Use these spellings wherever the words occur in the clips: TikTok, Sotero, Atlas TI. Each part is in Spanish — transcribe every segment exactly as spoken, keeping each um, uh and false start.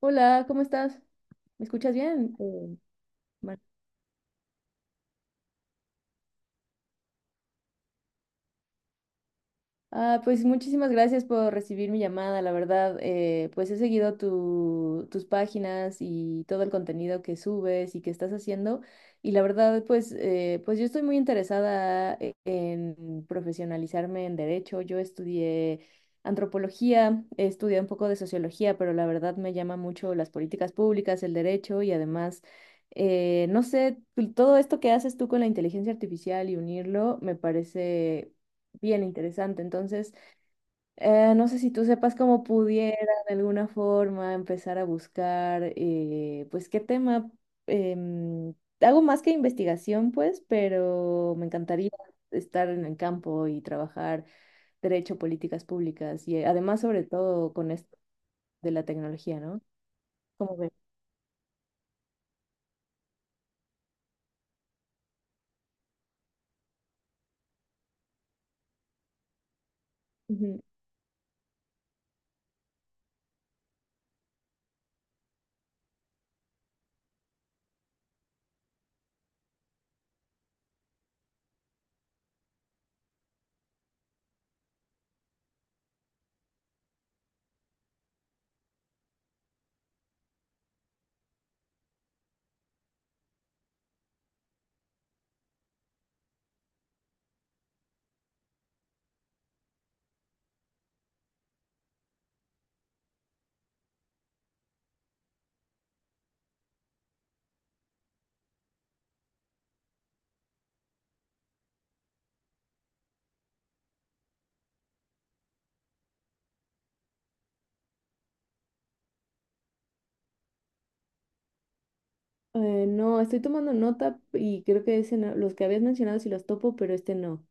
Hola, ¿cómo estás? ¿Me escuchas bien, eh, María? Ah, pues muchísimas gracias por recibir mi llamada, la verdad, eh, pues he seguido tu- tus páginas y todo el contenido que subes y que estás haciendo y la verdad, pues, eh, pues yo estoy muy interesada e- en profesionalizarme en derecho. Yo estudié antropología, estudié un poco de sociología, pero la verdad me llama mucho las políticas públicas, el derecho y además... eh, no sé, pues, todo esto que haces tú con la inteligencia artificial y unirlo me parece bien interesante. Entonces, eh, no sé si tú sepas cómo pudiera de alguna forma empezar a buscar, eh, pues, qué tema. em, Hago más que investigación, pues, pero me encantaría estar en el campo y trabajar derecho, políticas públicas y eh, además, sobre todo, con esto de la tecnología, ¿no? ¿Cómo ves? Ujú. Eh, no, estoy tomando nota y creo que ese no- los que habías mencionado sí los topo, pero este no.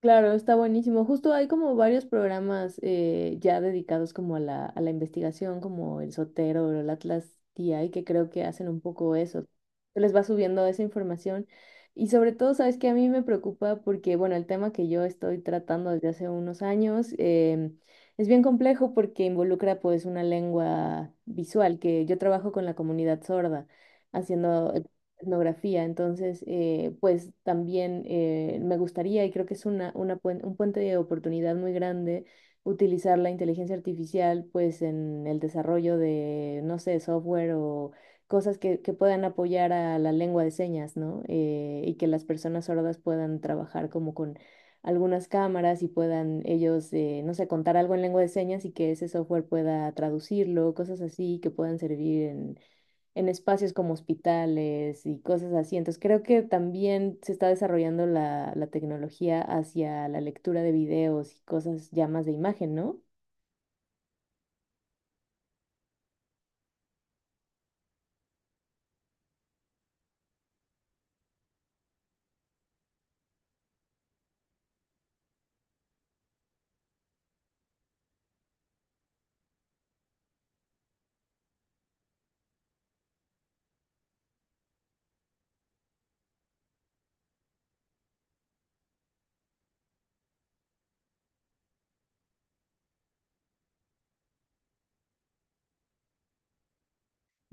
Claro, está buenísimo. Justo hay como varios programas eh, ya dedicados como a la, a la investigación, como el Sotero o el Atlas T I, que creo que hacen un poco eso. Se les va subiendo esa información. Y sobre todo, sabes que a mí me preocupa porque, bueno, el tema que yo estoy tratando desde hace unos años em, es bien complejo porque involucra pues una lengua visual, que yo trabajo con la comunidad sorda haciendo etnografía. Entonces, eh, pues también eh, me gustaría, y creo que es una, una puen- un puente de oportunidad muy grande, utilizar la inteligencia artificial pues en el desarrollo de, no sé, software o cosas que, que puedan apoyar a la lengua de señas, ¿no? Eh, y que las personas sordas puedan trabajar como con algunas cámaras y puedan ellos, eh, no sé, contar algo en lengua de señas y que ese software pueda traducirlo, cosas así que puedan servir en en espacios como hospitales y cosas así. Entonces creo que también se está desarrollando la, la tecnología hacia la lectura de videos y cosas ya más de imagen, ¿no?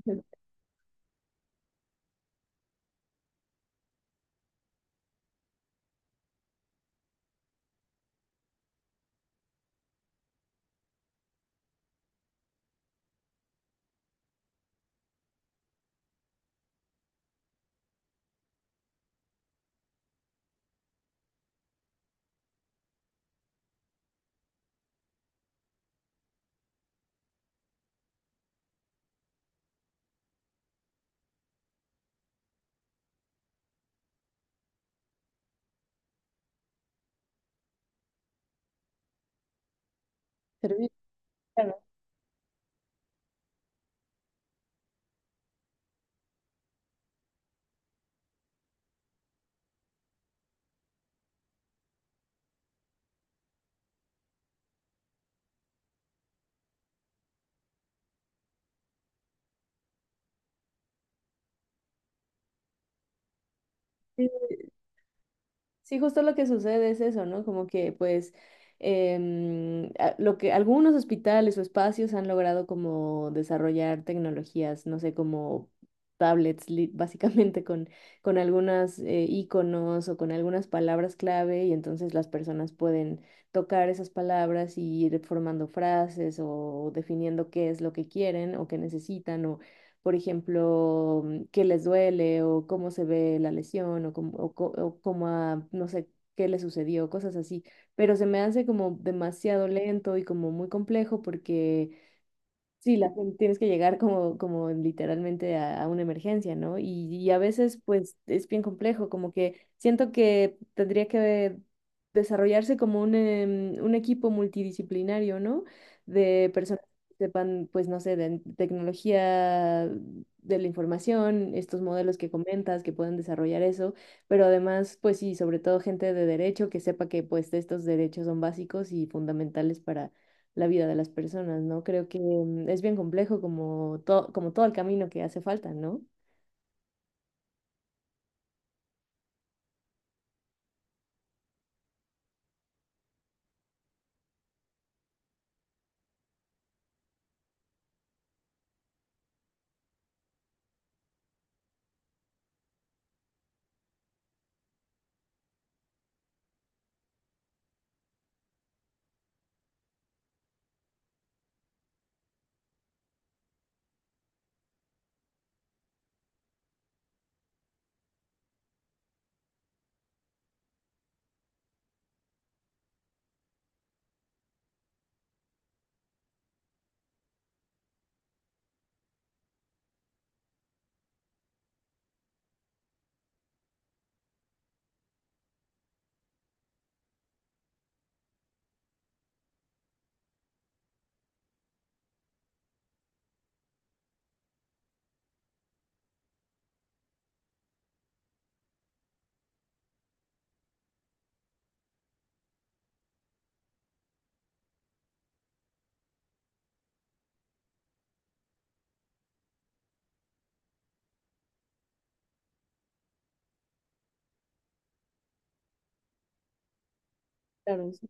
El servicio, claro. Sí, justo lo que sucede es eso, ¿no? Como que pues em, a- lo que algunos hospitales o espacios han logrado como desarrollar tecnologías, no sé, como tablets, li- básicamente con, con algunas eh, iconos o con algunas palabras clave y entonces las personas pueden tocar esas palabras y ir formando frases o definiendo qué es lo que quieren o que necesitan por ejemplo, mm, qué les duele o cómo se ve la lesión o cómo, o, co- o cómo a- no sé, qué le sucedió, cosas así. Pero se me hace como demasiado lento y como muy complejo porque sí, la, gen- tienes que llegar como, como literalmente a, a una emergencia, ¿no? Y, y a veces, pues, es bien complejo, como que siento que tendría que desarrollarse como un, em, un equipo multidisciplinario, ¿no? De personas que sepan, pues, no sé, de tecnología de la información, estos modelos que comentas, que puedan desarrollar eso, pero además, pues sí, sobre todo gente de derecho que sepa que, pues, estos derechos son básicos y fundamentales la vida de las personas, ¿no? Creo que mm, es bien complejo como, to- como todo el camino que hace falta, ¿no? Claro, sí.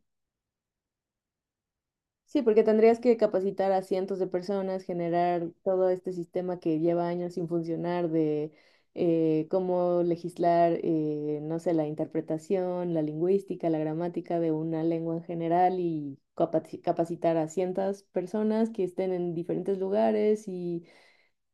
Sí, porque tendrías que capacitar a cientos de personas, generar todo este sistema que lleva años sin funcionar de eh, cómo legislar, eh, no sé, la interpretación, la lingüística, la gramática de una lengua en general y capaci- capacitar a cientos personas que estén en diferentes lugares y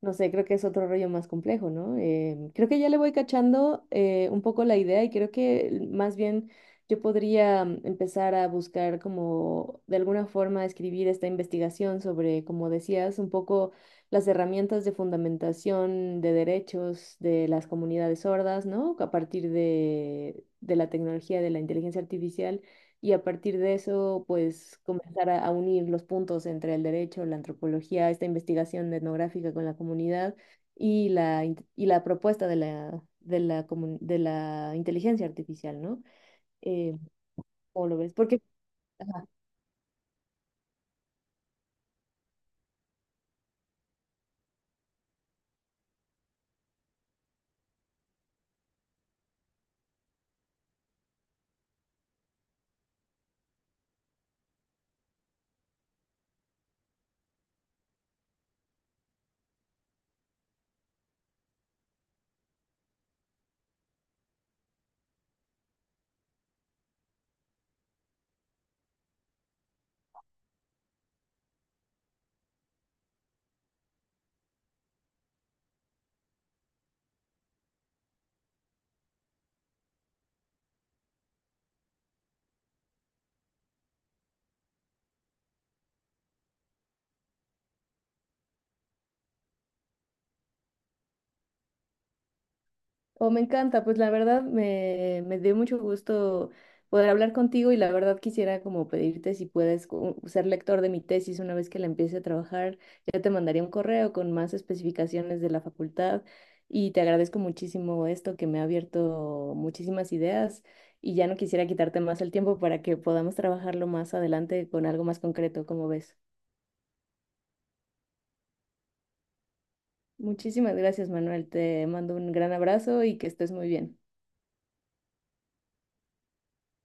no sé, creo que es otro rollo más complejo, ¿no? Em, creo que ya le voy cachando eh, un poco la idea y creo que más bien yo podría mm, empezar a buscar como de alguna forma escribir esta investigación sobre, como decías, un poco las herramientas de fundamentación de derechos de las comunidades sordas, ¿no? A partir de, de la tecnología de la inteligencia artificial y a partir de eso, pues comenzar a, a unir los puntos entre el derecho, la antropología, esta investigación etnográfica con la comunidad y la, int- y la propuesta de la, de la, comun- de la inteligencia artificial, ¿no? Eh, ¿cómo lo ves? Porque, oh, me encanta, pues la verdad me, me dio mucho gusto poder hablar contigo y la verdad quisiera como pedirte si puedes co- ser lector de mi tesis una vez que la empiece a trabajar. Ya te mandaría un correo con más especificaciones de la facultad y te agradezco muchísimo esto que me ha abierto muchísimas ideas y ya no quisiera quitarte más el tiempo para que podamos trabajarlo más adelante con algo más concreto, como ves. Muchísimas gracias, Manuel. Te mando un gran abrazo y que estés muy bien.